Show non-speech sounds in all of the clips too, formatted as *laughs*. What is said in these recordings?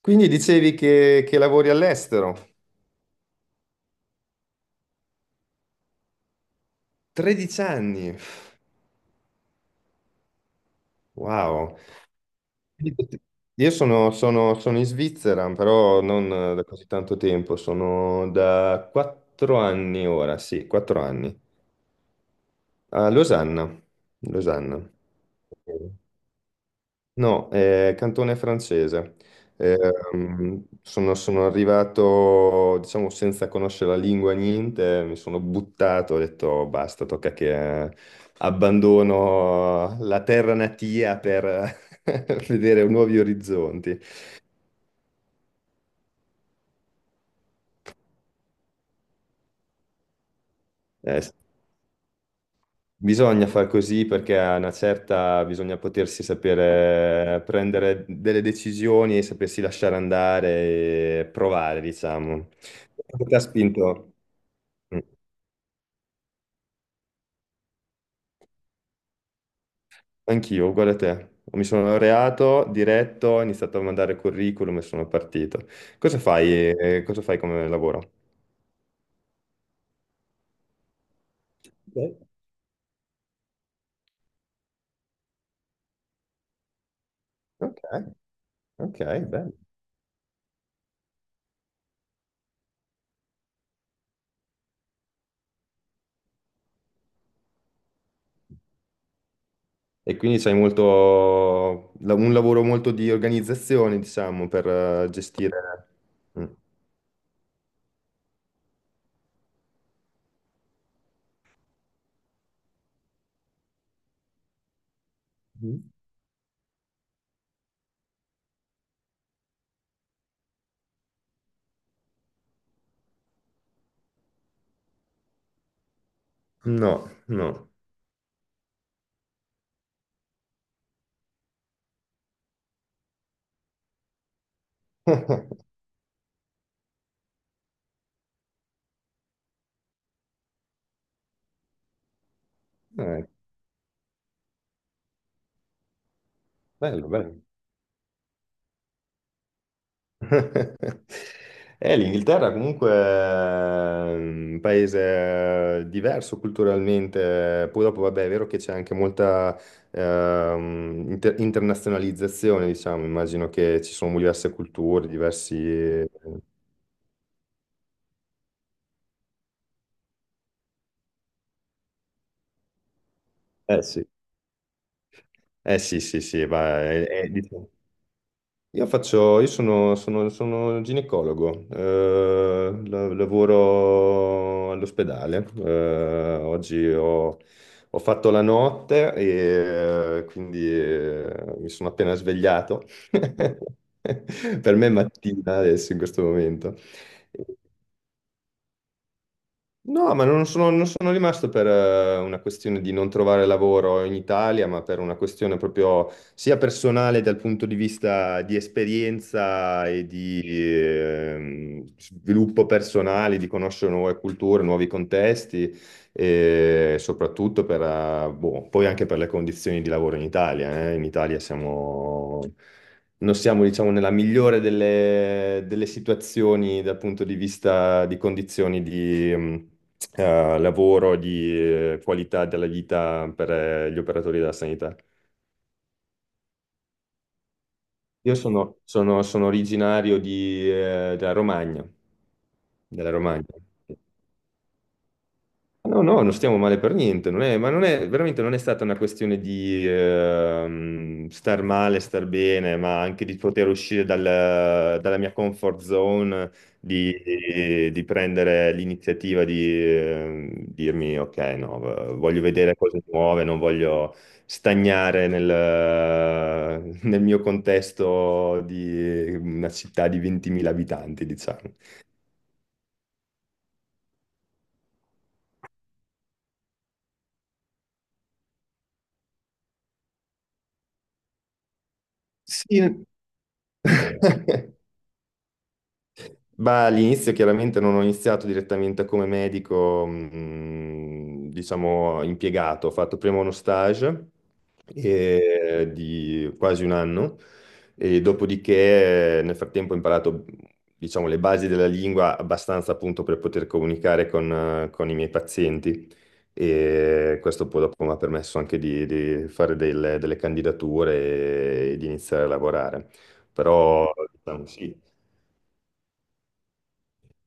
Quindi dicevi che lavori all'estero? 13 anni, wow. Io sono in Svizzera, però non da così tanto tempo, sono da 4 anni ora, sì, 4 anni, a Losanna. Losanna. No, è cantone francese. Eh, Mm. Sono arrivato, diciamo, senza conoscere la lingua, niente, mi sono buttato, ho detto basta, tocca che abbandono la terra natia per *laughs* vedere nuovi orizzonti. Eh, s- Bisogna far così perché a una certa bisogna potersi sapere prendere delle decisioni e sapersi lasciare andare e provare, diciamo. Cosa ti ha spinto? Mm. Anch'io, uguale a te. Mi sono laureato, diretto, ho iniziato a mandare curriculum e sono partito. Cosa fai come lavoro? Ok. Ok, ok, bene. E quindi c'hai molto, un lavoro molto di organizzazione, diciamo, per gestire... Mm. Mhm. No, no. *laughs* Eh, Bello, bello. *laughs* L'Inghilterra comunque è un paese diverso culturalmente, poi dopo vabbè è vero che c'è anche molta internazionalizzazione, diciamo, immagino che ci sono diverse culture, diversi... Eh sì. Eh sì, sì, sì, va, diciamo- Io sono ginecologo, lavoro all'ospedale, oggi ho fatto la notte e quindi mi sono appena svegliato, *laughs* per me è mattina adesso in questo momento. No, ma non sono rimasto per una questione di non trovare lavoro in Italia, ma per una questione proprio sia personale dal punto di vista di esperienza e di sviluppo personale, di conoscere nuove culture, nuovi contesti e soprattutto per, boh, poi anche per le condizioni di lavoro in Italia. In Italia siamo... Non siamo, diciamo, nella migliore delle situazioni dal punto di vista di condizioni di, lavoro, di qualità della vita per gli operatori della sanità. Io sono originario della Romagna, della Romagna. No, no, non stiamo male per niente, non è- ma non è, veramente non è stata una questione di star male, star bene, ma anche di poter uscire dalla mia comfort zone, di prendere l'iniziativa di dirmi, ok, no, voglio vedere cose nuove, non voglio stagnare nel mio contesto di una città di 20.000 abitanti, diciamo. Sì. *laughs* Ma all'inizio chiaramente non ho iniziato direttamente come medico, diciamo, impiegato, ho fatto prima uno stage di quasi un anno e dopodiché nel frattempo ho imparato, diciamo, le basi della lingua abbastanza appunto per poter comunicare con i miei pazienti e questo poi dopo mi ha permesso anche di fare delle candidature e di iniziare a lavorare. Però, diciamo, sì.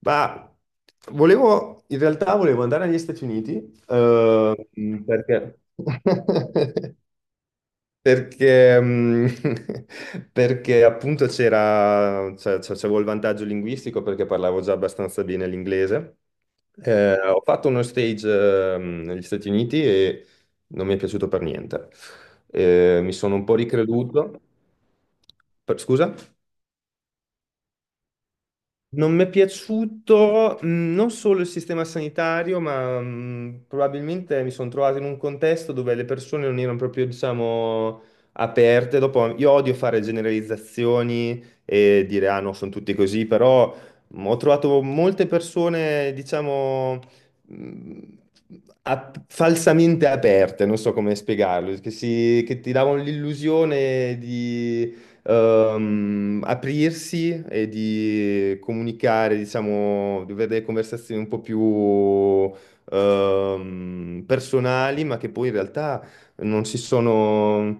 Ma in realtà volevo andare negli Stati Uniti, eh, perché... *laughs* Perché, mm, *laughs* perché appunto c'era, cioè, c'avevo il vantaggio linguistico perché parlavo già abbastanza bene l'inglese. Ho fatto uno stage, negli Stati Uniti e non mi è piaciuto per niente. Mi sono un po' ricreduto. Scusa? Non mi è piaciuto non solo il sistema sanitario, ma probabilmente mi sono trovato in un contesto dove le persone non erano proprio, diciamo, aperte. Dopo, io odio fare generalizzazioni e dire, ah no, sono tutti così, però ho trovato molte persone, diciamo, mh, falsamente aperte, non so come spiegarlo, che ti davano l'illusione di aprirsi e di comunicare, diciamo, di avere delle conversazioni un po' più personali, ma che poi in realtà non si sono...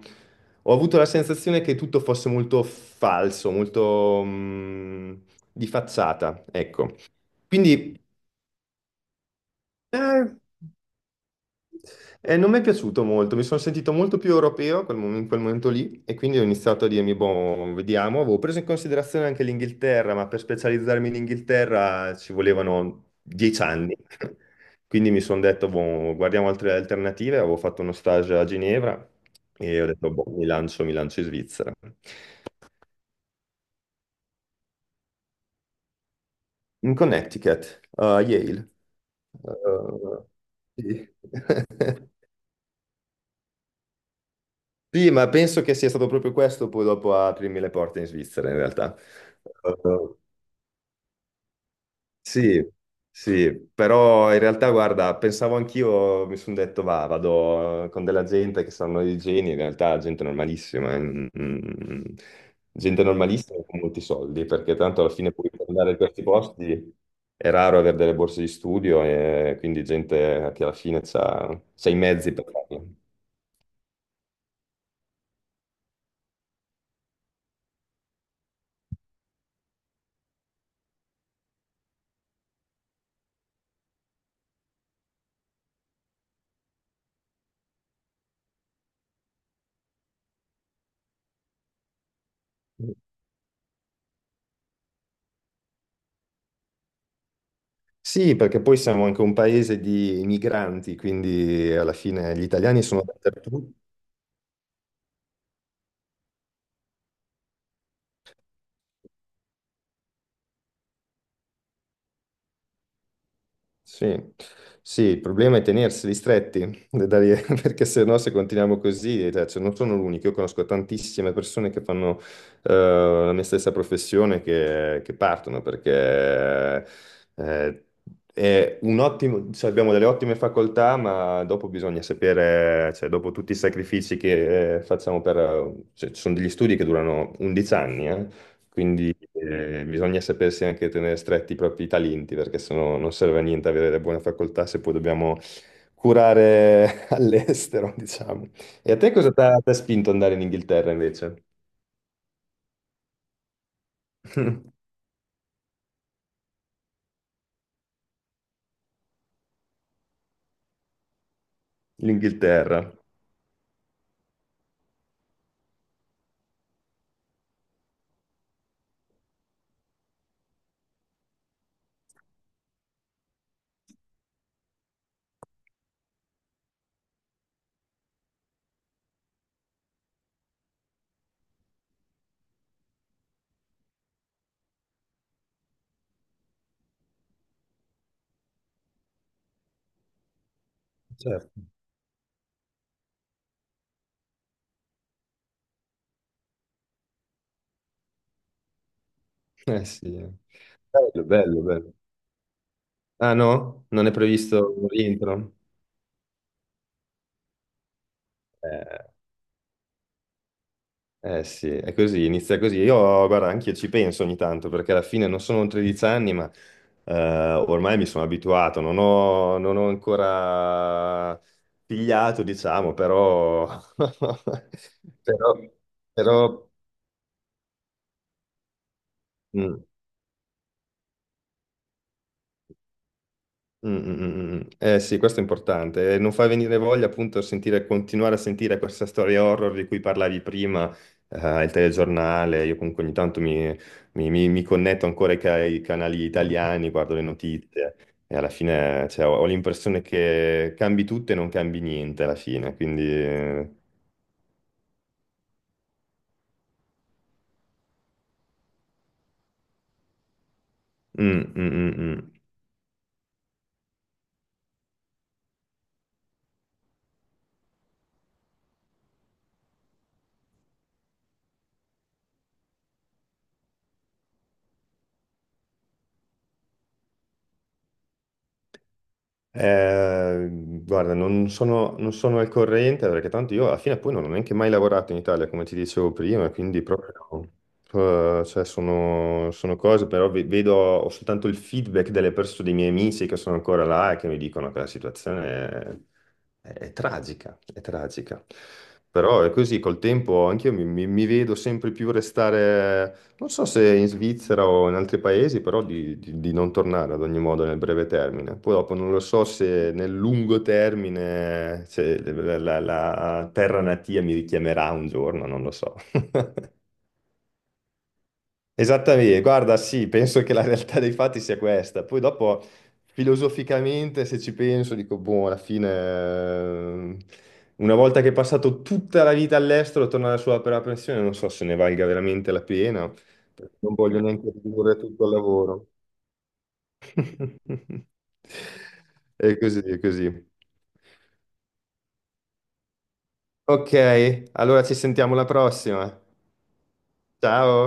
Ho avuto la sensazione che tutto fosse molto falso, molto di facciata, ecco. Quindi... eh, e non mi è piaciuto molto, mi sono sentito molto più europeo in quel momento lì e quindi ho iniziato a dirmi, boh, vediamo, avevo preso in considerazione anche l'Inghilterra, ma per specializzarmi in Inghilterra ci volevano 10 anni, *laughs* quindi mi sono detto, boh, guardiamo altre alternative, avevo fatto uno stage a Ginevra e ho detto, boh, mi lancio in Svizzera. In Connecticut, a Yale. Eh, sì. *laughs* Sì, ma penso che sia stato proprio questo poi dopo a aprirmi le porte in Svizzera, in realtà. Eh, sì, sì, però in realtà, guarda, pensavo anch'io, mi sono detto, vado con della gente che sanno di geni, in realtà gente normalissima, gente normalissima con molti soldi, perché tanto alla fine poi per andare in questi posti è raro avere delle borse di studio e quindi gente che alla fine ha i mezzi per farlo. Sì, perché poi siamo anche un paese di migranti, quindi alla fine gli italiani sono dappertutto. Sì, sì, il problema è tenerseli stretti, *laughs* perché se no se continuiamo così, cioè, non sono l'unico, io conosco tantissime persone che fanno eh, la mia stessa professione che partono, perché eh, è un ottimo, cioè, abbiamo delle ottime facoltà, ma dopo bisogna sapere, cioè, dopo tutti i sacrifici che facciamo per... cioè, ci sono degli studi che durano 11 anni, quindi bisogna sapersi anche tenere stretti i propri talenti, perché sennò non serve a niente avere le buone facoltà se poi dobbiamo curare *laughs* all'estero, diciamo. E a te cosa ti ha spinto ad andare in Inghilterra invece? L'Inghilterra. Certo. Eh sì. Bello, bello, bello. Ah no? Non è previsto un rientro? Eh, Eh sì, è così, inizia così. Io, guarda, anch'io ci penso ogni tanto perché alla fine non sono 13 anni, ma eh, ormai mi sono abituato, non ho ancora pigliato, diciamo, però, *laughs* però, però, mm, Mm, mm, mm, mm. Mm. Eh sì, questo è importante. Non fa venire voglia appunto sentire, continuare a sentire questa storia horror di cui parlavi prima, il telegiornale. Io comunque ogni tanto mi connetto ancora ai canali italiani, guardo le notizie e alla fine cioè, ho l'impressione che cambi tutto e non cambi niente alla fine. Quindi... mm, mm, mm, mm. Guarda, non sono al corrente perché tanto io alla fine poi non ho neanche mai lavorato in Italia, come ti dicevo prima, quindi proprio cioè, sono cose, però vedo, ho soltanto il feedback delle persone, dei miei amici che sono ancora là e che mi dicono che la situazione è tragica, è tragica. Però è così, col tempo anche io mi vedo sempre più restare non so se in Svizzera o in altri paesi, però di non tornare ad ogni modo nel breve termine. Poi dopo non lo so se nel lungo termine, se la terra natia mi richiamerà un giorno, non lo so. *laughs* Esattamente, guarda, sì, penso che la realtà dei fatti sia questa. Poi dopo, filosoficamente, se ci penso, dico, boh, alla fine, una volta che è passato tutta la vita all'estero, tornare sulla propria pensione, non so se ne valga veramente la pena, perché non voglio neanche ridurre tutto il lavoro. *laughs* E così, e così. Ok, allora ci sentiamo alla prossima. Ciao.